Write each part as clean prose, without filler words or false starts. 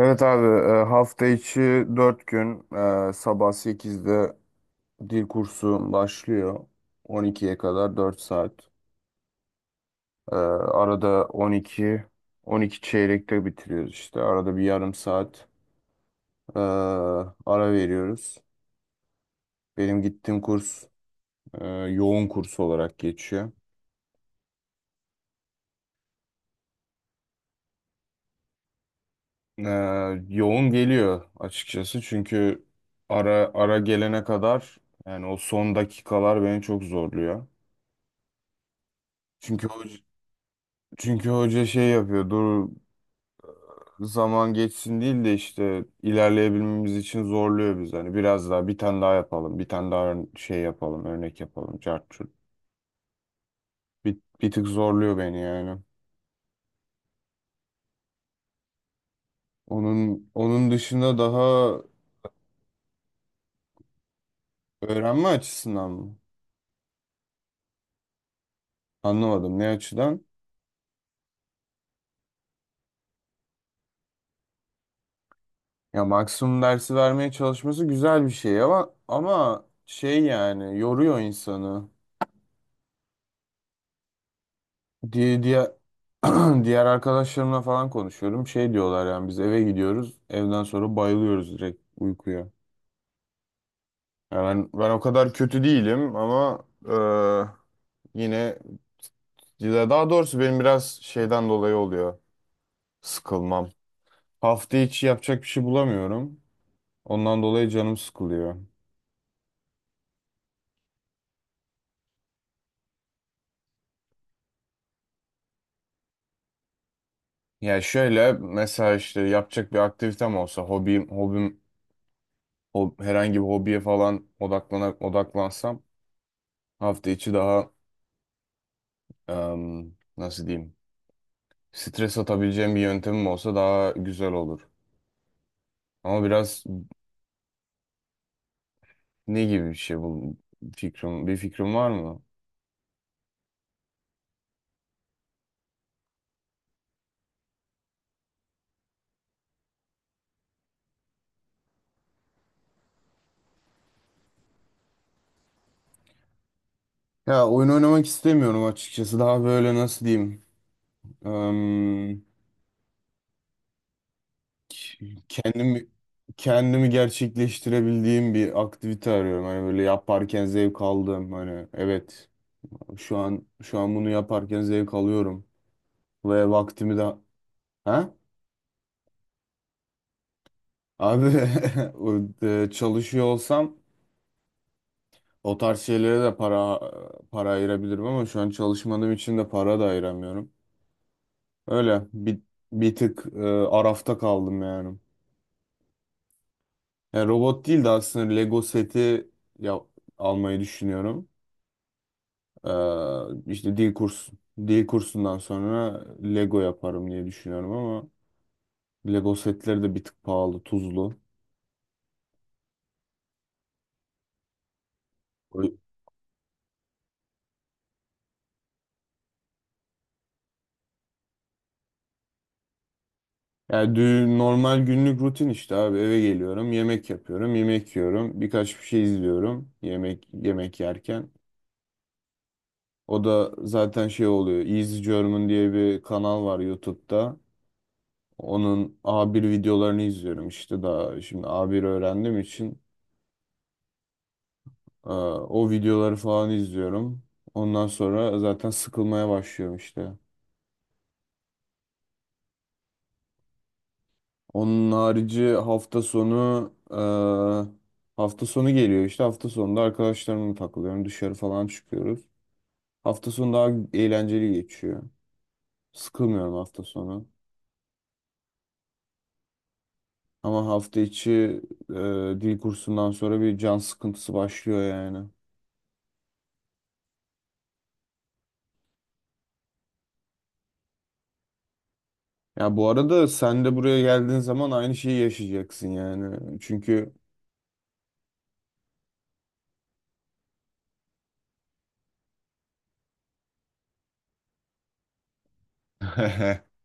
Evet abi. Hafta içi 4 gün, sabah sekizde dil kursu başlıyor. On ikiye kadar 4 saat. Arada on iki, on iki çeyrekte bitiriyoruz işte. Arada bir yarım saat e, ara veriyoruz. Benim gittiğim kurs yoğun kurs olarak geçiyor. E, Yoğun geliyor açıkçası. Çünkü ara ara gelene kadar, yani o son dakikalar beni çok zorluyor. Çünkü o Çünkü hoca şey yapıyor. Dur zaman geçsin değil de işte ilerleyebilmemiz için zorluyor biz. Hani biraz daha, bir tane daha yapalım. Bir tane daha şey yapalım. Örnek yapalım. Cart curt. Bir tık zorluyor beni yani. Onun dışında daha öğrenme açısından mı? Anlamadım, ne açıdan? Ya maksimum dersi vermeye çalışması güzel bir şey, ama ama yani yoruyor insanı. Diye, diğer diğer arkadaşlarımla falan konuşuyorum. Şey diyorlar, yani biz eve gidiyoruz. Evden sonra bayılıyoruz direkt uykuya. Yani ben o kadar kötü değilim, ama yine, ya daha doğrusu benim biraz şeyden dolayı oluyor sıkılmam. Hafta içi yapacak bir şey bulamıyorum. Ondan dolayı canım sıkılıyor. Ya şöyle mesela, işte yapacak bir aktivitem olsa, hobim, herhangi bir hobiye falan odaklansam hafta içi daha nasıl diyeyim? Stres atabileceğim bir yöntemim olsa daha güzel olur. Ama biraz ne gibi bir şey bu, bir fikrim var mı? Ya oyun oynamak istemiyorum açıkçası. Daha böyle nasıl diyeyim? Em, k- kendimi kendimi gerçekleştirebildiğim bir aktivite arıyorum. Hani böyle yaparken zevk aldığım, hani evet, şu an bunu yaparken zevk alıyorum ve vaktimi de, ha? Abi, o, çalışıyor olsam o tarz şeylere de para ayırabilirim, ama şu an çalışmadığım için de para da ayıramıyorum. Öyle bir, bir tık arafta kaldım yani. Yani robot değil de aslında Lego seti ya, almayı düşünüyorum. İşte dil kursundan sonra Lego yaparım diye düşünüyorum, ama Lego setleri de bir tık pahalı, tuzlu. Yani normal günlük rutin işte abi, eve geliyorum, yemek yapıyorum, yemek yiyorum, birkaç bir şey izliyorum yemek yerken. O da zaten şey oluyor. Easy German diye bir kanal var YouTube'da. Onun A1 videolarını izliyorum işte, daha şimdi A1 öğrendiğim için o videoları falan izliyorum. Ondan sonra zaten sıkılmaya başlıyorum işte. Onun harici hafta sonu, hafta sonu geliyor işte, hafta sonunda arkadaşlarımla takılıyorum, dışarı falan çıkıyoruz. Hafta sonu daha eğlenceli geçiyor. Sıkılmıyorum hafta sonu. Ama hafta içi e, dil kursundan sonra bir can sıkıntısı başlıyor yani. Ya bu arada sen de buraya geldiğin zaman aynı şeyi yaşayacaksın yani. Çünkü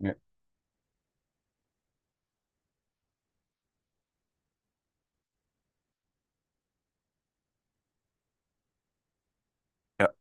Ya- ya-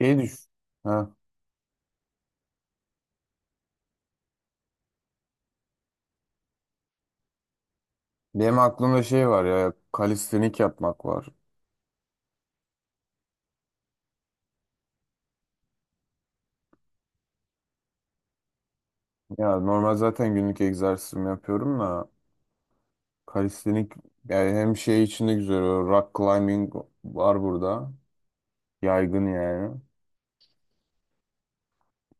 şey düş. Ha. Benim aklımda şey var ya, kalistenik yapmak var. Ya normal zaten günlük egzersizimi yapıyorum da, kalistenik, yani hem şey içinde güzel, o rock climbing var burada. Yaygın yani.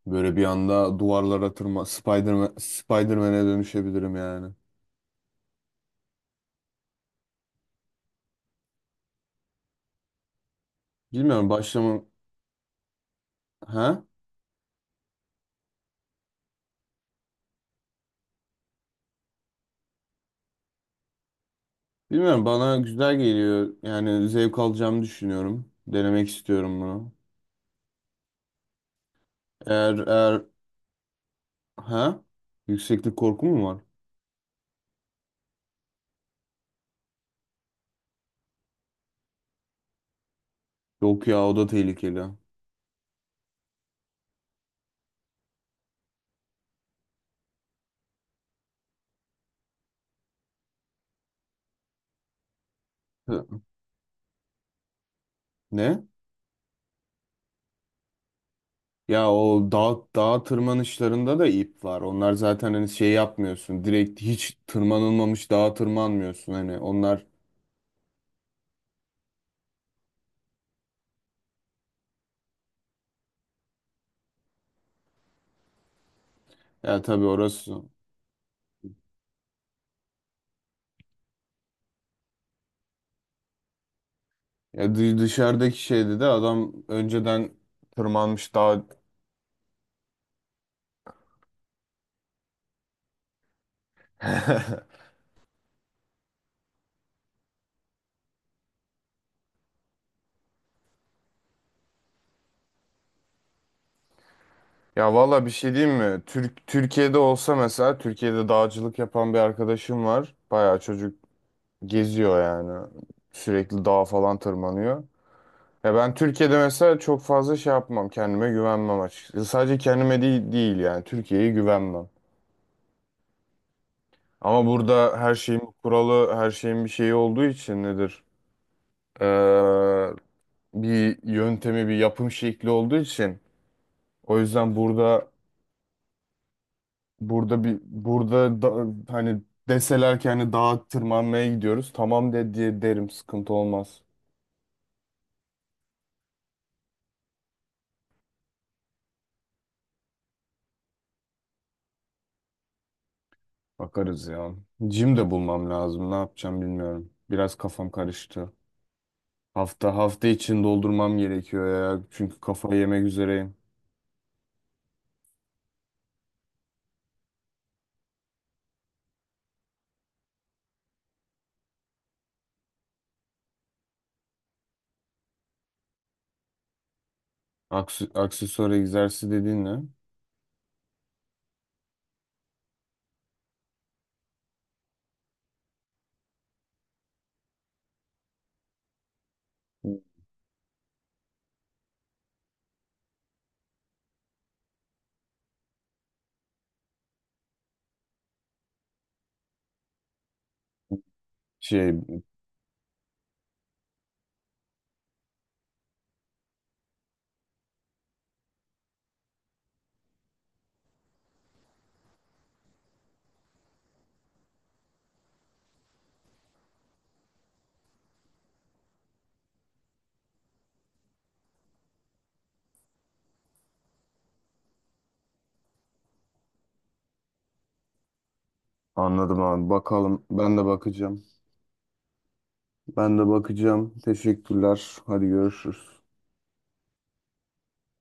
Böyle bir anda duvarlara tırma, Spider-Man'e dönüşebilirim yani. Bilmiyorum, başlamam. Ha? Bilmiyorum, bana güzel geliyor. Yani zevk alacağımı düşünüyorum. Denemek istiyorum bunu. Eğer, ha? Yükseklik korku mu var? Yok ya, o da tehlikeli. Hı. Ne? Ya o dağ tırmanışlarında da ip var. Onlar zaten hani şey yapmıyorsun. Direkt hiç tırmanılmamış dağa tırmanmıyorsun hani. Onlar, ya tabii orası. Ya dışarıdaki şeydi de adam önceden tırmanmış daha. Ya valla bir şey diyeyim mi? Türkiye'de olsa mesela, Türkiye'de dağcılık yapan bir arkadaşım var. Bayağı çocuk geziyor yani. Sürekli dağa falan tırmanıyor. Ya ben Türkiye'de mesela çok fazla şey yapmam. Kendime güvenmem açıkçası. Sadece kendime değil, değil yani. Türkiye'ye güvenmem. Ama burada her şeyin bir kuralı, her şeyin bir şeyi olduğu için nedir? Ee, Bir yöntemi, bir yapım şekli olduğu için, o yüzden burada, burada bir burada da, hani deseler ki hani dağa tırmanmaya gidiyoruz. Tamam de diye derim, sıkıntı olmaz. Bakarız ya. Jim de bulmam lazım. Ne yapacağım bilmiyorum. Biraz kafam karıştı. Hafta için doldurmam gerekiyor ya. Çünkü kafayı yemek üzereyim. Aksesuar egzersizi dediğin ne? Şey, anladım abi. Bakalım. Ben de bakacağım. Ben de bakacağım. Teşekkürler. Hadi görüşürüz.